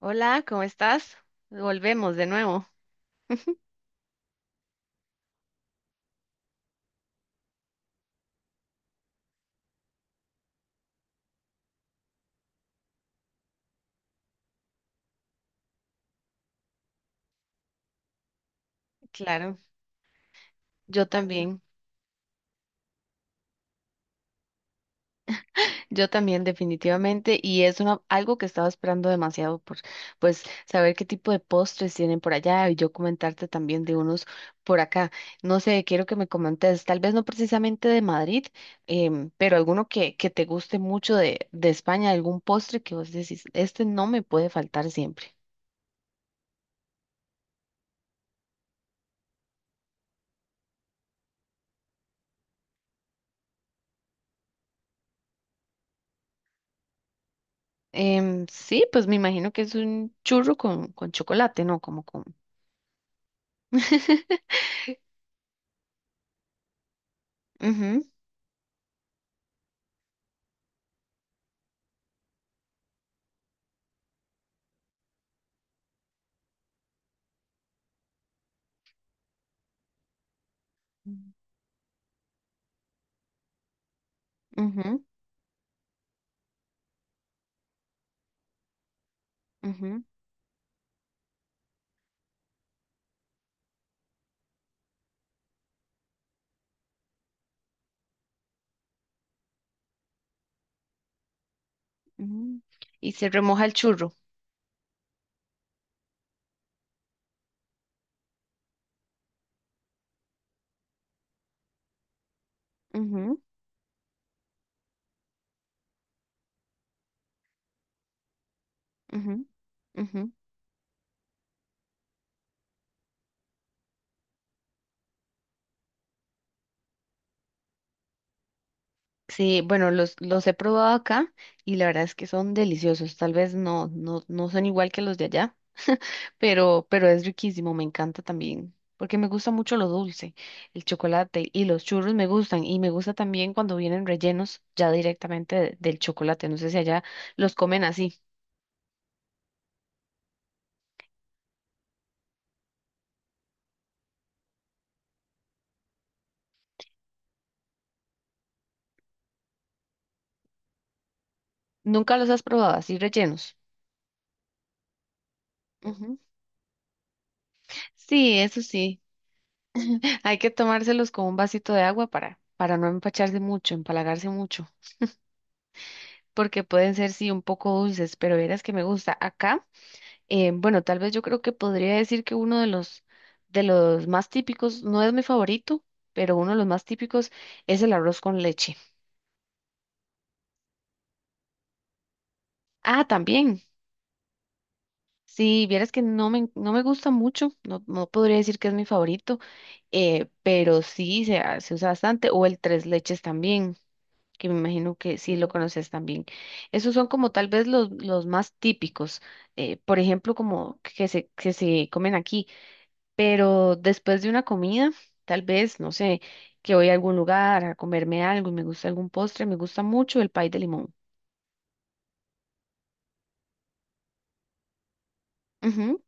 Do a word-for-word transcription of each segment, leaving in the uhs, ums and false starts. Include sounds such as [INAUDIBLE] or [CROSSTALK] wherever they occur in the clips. Hola, ¿cómo estás? Volvemos de nuevo. [LAUGHS] Claro, yo también, yo también definitivamente, y es una, algo que estaba esperando demasiado por, pues, saber qué tipo de postres tienen por allá y yo comentarte también de unos por acá. No sé, quiero que me comentes, tal vez no precisamente de Madrid, em, pero alguno que, que te guste mucho de, de España, algún postre que vos decís, este no me puede faltar siempre. Em, sí, pues me imagino que es un churro con, con chocolate, ¿no? Como con... [LAUGHS] Ujú, ujú, ujú, ujú. Y se remoja el churro. Ujú, ujú, ujú. Sí, bueno, los, los he probado acá y la verdad es que son deliciosos. Tal vez no, no, no son igual que los de allá, pero, pero es riquísimo, me encanta también, porque me gusta mucho lo dulce, el chocolate y los churros me gustan y me gusta también cuando vienen rellenos ya directamente de- del chocolate. No sé si allá los comen así. ¿Nunca los has probado así rellenos? Ujú. Sí, eso sí. Hay que tomárselos con un vasito de agua para, para no empacharse mucho, empalagarse mucho, porque pueden ser sí un poco dulces, pero verás que me gusta. Acá, eh, bueno, tal vez yo creo que podría decir que uno de los, de los más típicos, no es mi favorito, pero uno de los más típicos es el arroz con leche. Ah, también. Sí, vieras que no me, no me gusta mucho, no, no podría decir que es mi favorito, eh, pero sí se, ha- se usa bastante, o el tres leches también. Que me imagino que sí lo conoces también. Esos son como tal vez los, los más típicos, eh, por ejemplo, como que se, que se comen aquí, pero después de una comida, tal vez, no sé, que voy a algún lugar a comerme algo y me gusta algún postre, me gusta mucho el pay de limón. Ujú,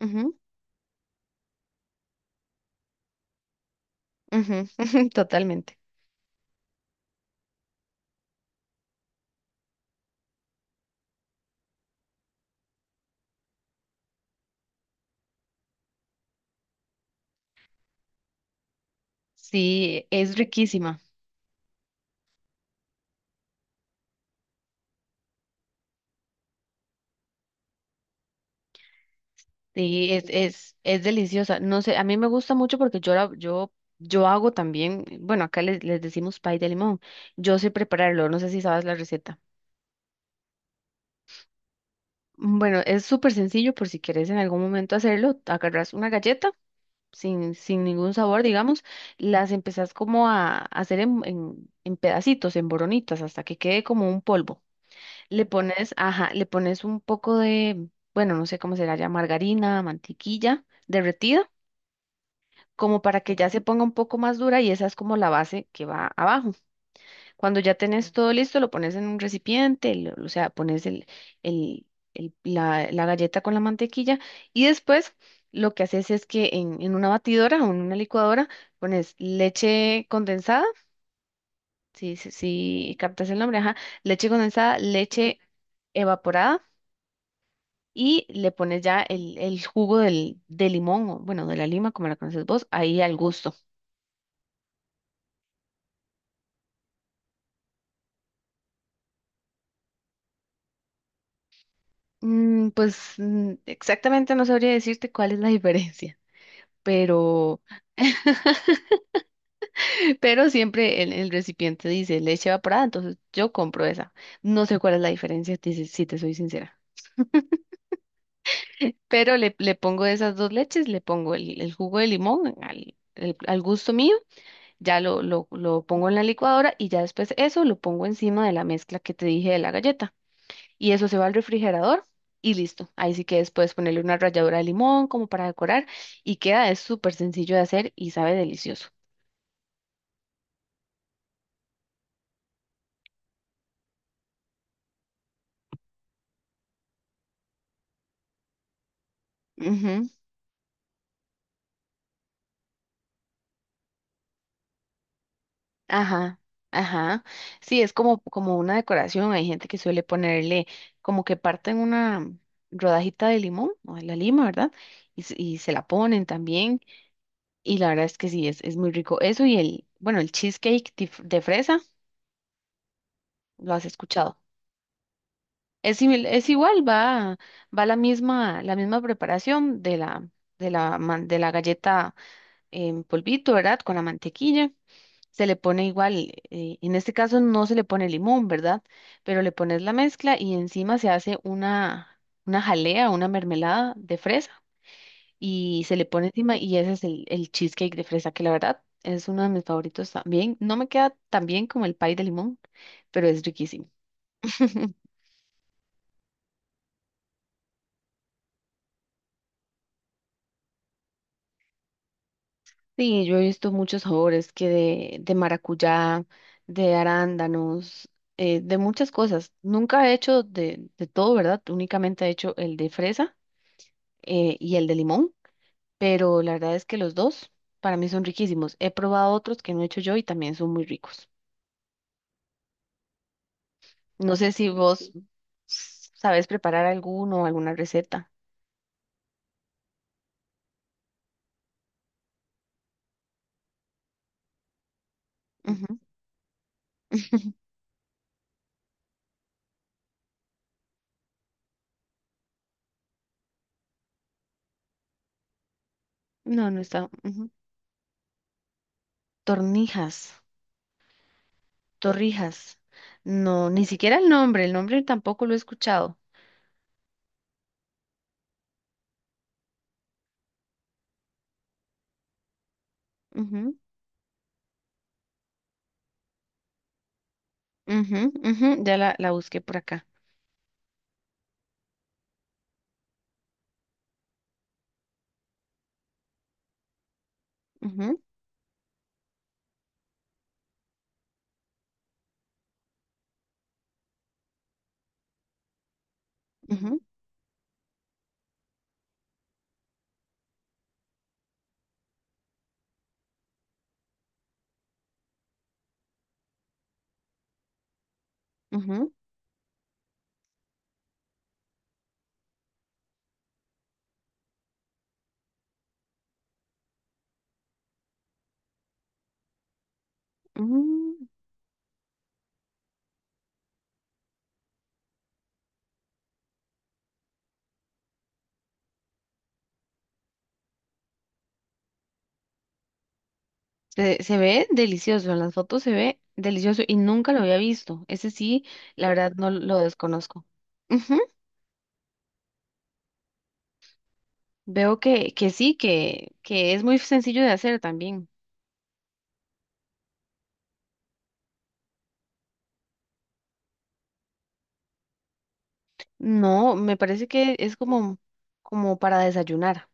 ujú, ujú, [LAUGHS] totalmente. Sí, es riquísima. Sí, es, es, es deliciosa. No sé, a mí me gusta mucho porque yo, la- yo, yo hago también, bueno, acá les, les decimos pay de limón. Yo sé prepararlo, no sé si sabes la receta. Mm, Bueno, es súper sencillo por si quieres en algún momento hacerlo. Agarras una galleta sin, sin ningún sabor, digamos, las empezás como a, a hacer en, en, en pedacitos, en boronitas, hasta que quede como un polvo. Le pones, ajá, le pones un poco de, bueno, no sé cómo será ya, margarina, mantequilla derretida como para que ya se ponga un poco más dura y esa es como la base que va abajo. Cuando ya tenés todo listo, lo pones en un recipiente, lo- o sea, pones el, el- el- la, la galleta con la mantequilla y después lo que haces es que en, en una batidora o en una licuadora pones leche condensada, si, si, si captas el nombre, ajá, leche condensada, leche evaporada. Y le pones ya el, el jugo del, de limón, o bueno, de la lima, como la conoces vos, ahí al gusto. Mm, pues mm, exactamente no sabría decirte cuál es la diferencia, pero, [LAUGHS] pero siempre el, el recipiente dice leche evaporada, entonces yo compro esa. No sé cuál es la diferencia, te- si si te soy sincera. Pero le, le pongo esas dos leches, le pongo el, el jugo de limón al, el- al gusto mío, ya lo, lo, lo pongo en la licuadora y ya después eso lo pongo encima de la mezcla que te dije de la galleta. Y eso se va al refrigerador y listo. Ahí sí que después ponerle una ralladura de limón como para decorar y queda, es súper sencillo de hacer y sabe delicioso. Ujú, ajá, ajá. Sí, es como, como una decoración. Hay gente que suele ponerle como que parten una rodajita de limón o de la lima, ¿verdad? Y, se- y se la ponen también. Y la verdad es que sí, es, es muy rico. Eso y el, bueno, el cheesecake de f- de fresa, ¿lo has escuchado? Es, simil- es igual, va, va la misma, la misma preparación de la, de la, man- de la galleta en polvito, ¿verdad? Con la mantequilla. Se le pone igual, eh, en este caso no se le pone limón, ¿verdad? Pero le pones la mezcla y encima se hace una, una jalea, una mermelada de fresa y se le pone encima y ese es el, el cheesecake de fresa, que la verdad es uno de mis favoritos también. No me queda tan bien como el pie de limón, pero es riquísimo. [LAUGHS] Sí, yo he visto muchos sabores que de, de maracuyá, de arándanos, eh, de muchas cosas. Nunca he hecho de, de todo, ¿verdad? Únicamente he hecho el de fresa eh, y el de limón, pero la verdad es que los dos para mí son riquísimos. He probado otros que no he hecho yo y también son muy ricos. No sé si vos s- sabes preparar alguno, alguna receta. Ujú. No, no está. Ujú. Tornijas, torrijas. No, ni siquiera el nombre, el nombre tampoco lo he escuchado. Ujú, ujú, ya la, la busqué por acá. Ujú, ujú, ujú, ujú. Se, se ve delicioso, en las fotos se ve delicioso y nunca lo había visto. Ese sí, la verdad no lo desconozco. Ujú, veo que, que sí, que, que es muy sencillo de hacer también. No, me parece que es como, como para desayunar.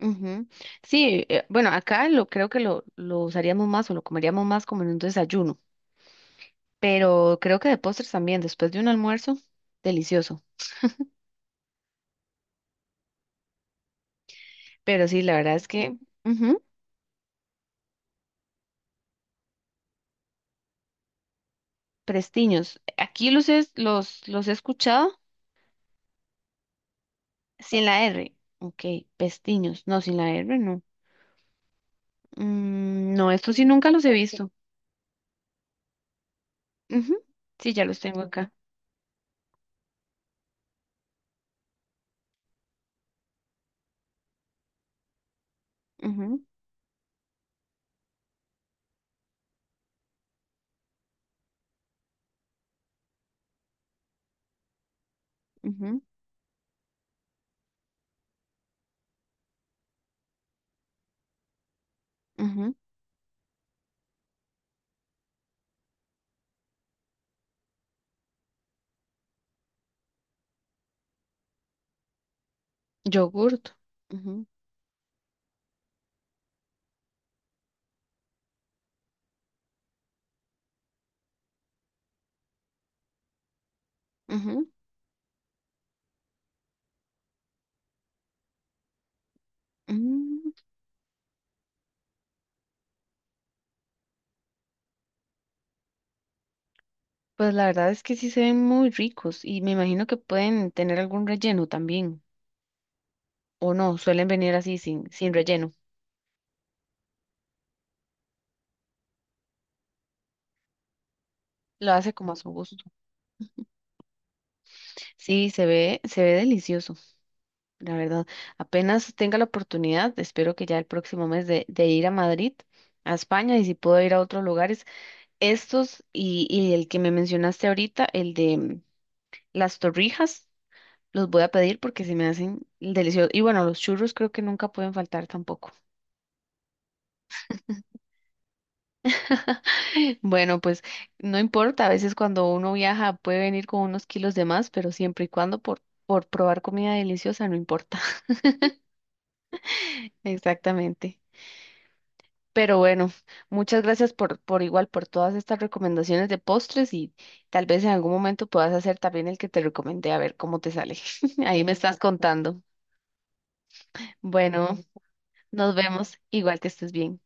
Ujú. Sí, eh, bueno, acá lo creo que lo, lo usaríamos más o lo comeríamos más como en un desayuno, pero creo que de postres también, después de un almuerzo, delicioso. Pero sí, la verdad es que ujú, prestiños. Aquí los, es- los, los he escuchado sin la R. Ok, pestiños. No, sin la R, no. Mm, no, estos sí nunca los he visto. Ujú, sí, ya los tengo acá. Ujú, ujú, ujú. Yogurt. Ujú, ujú, mm. Pues la verdad es que sí se ven muy ricos y me imagino que pueden tener algún relleno también. O no, suelen venir así sin, sin relleno. Lo hace como a su gusto. Sí, se ve, se ve delicioso. La verdad, apenas tenga la oportunidad, espero que ya el próximo mes de, de ir a Madrid, a España, y si puedo ir a otros lugares, estos y, y el que me mencionaste ahorita, el de mm, las torrijas, los voy a pedir porque se me hacen deliciosos. Y bueno, los churros creo que nunca pueden faltar tampoco. [LAUGHS] Bueno, pues no importa, a veces cuando uno viaja puede venir con unos kilos de más, pero siempre y cuando por, por probar comida deliciosa, no importa. [LAUGHS] Exactamente. Pero bueno, muchas gracias por, por igual, por todas estas recomendaciones de postres y tal vez en algún momento puedas hacer también el que te recomendé a ver cómo te sale. [LAUGHS] Ahí me estás contando. Bueno, nos vemos. Igual que estés bien.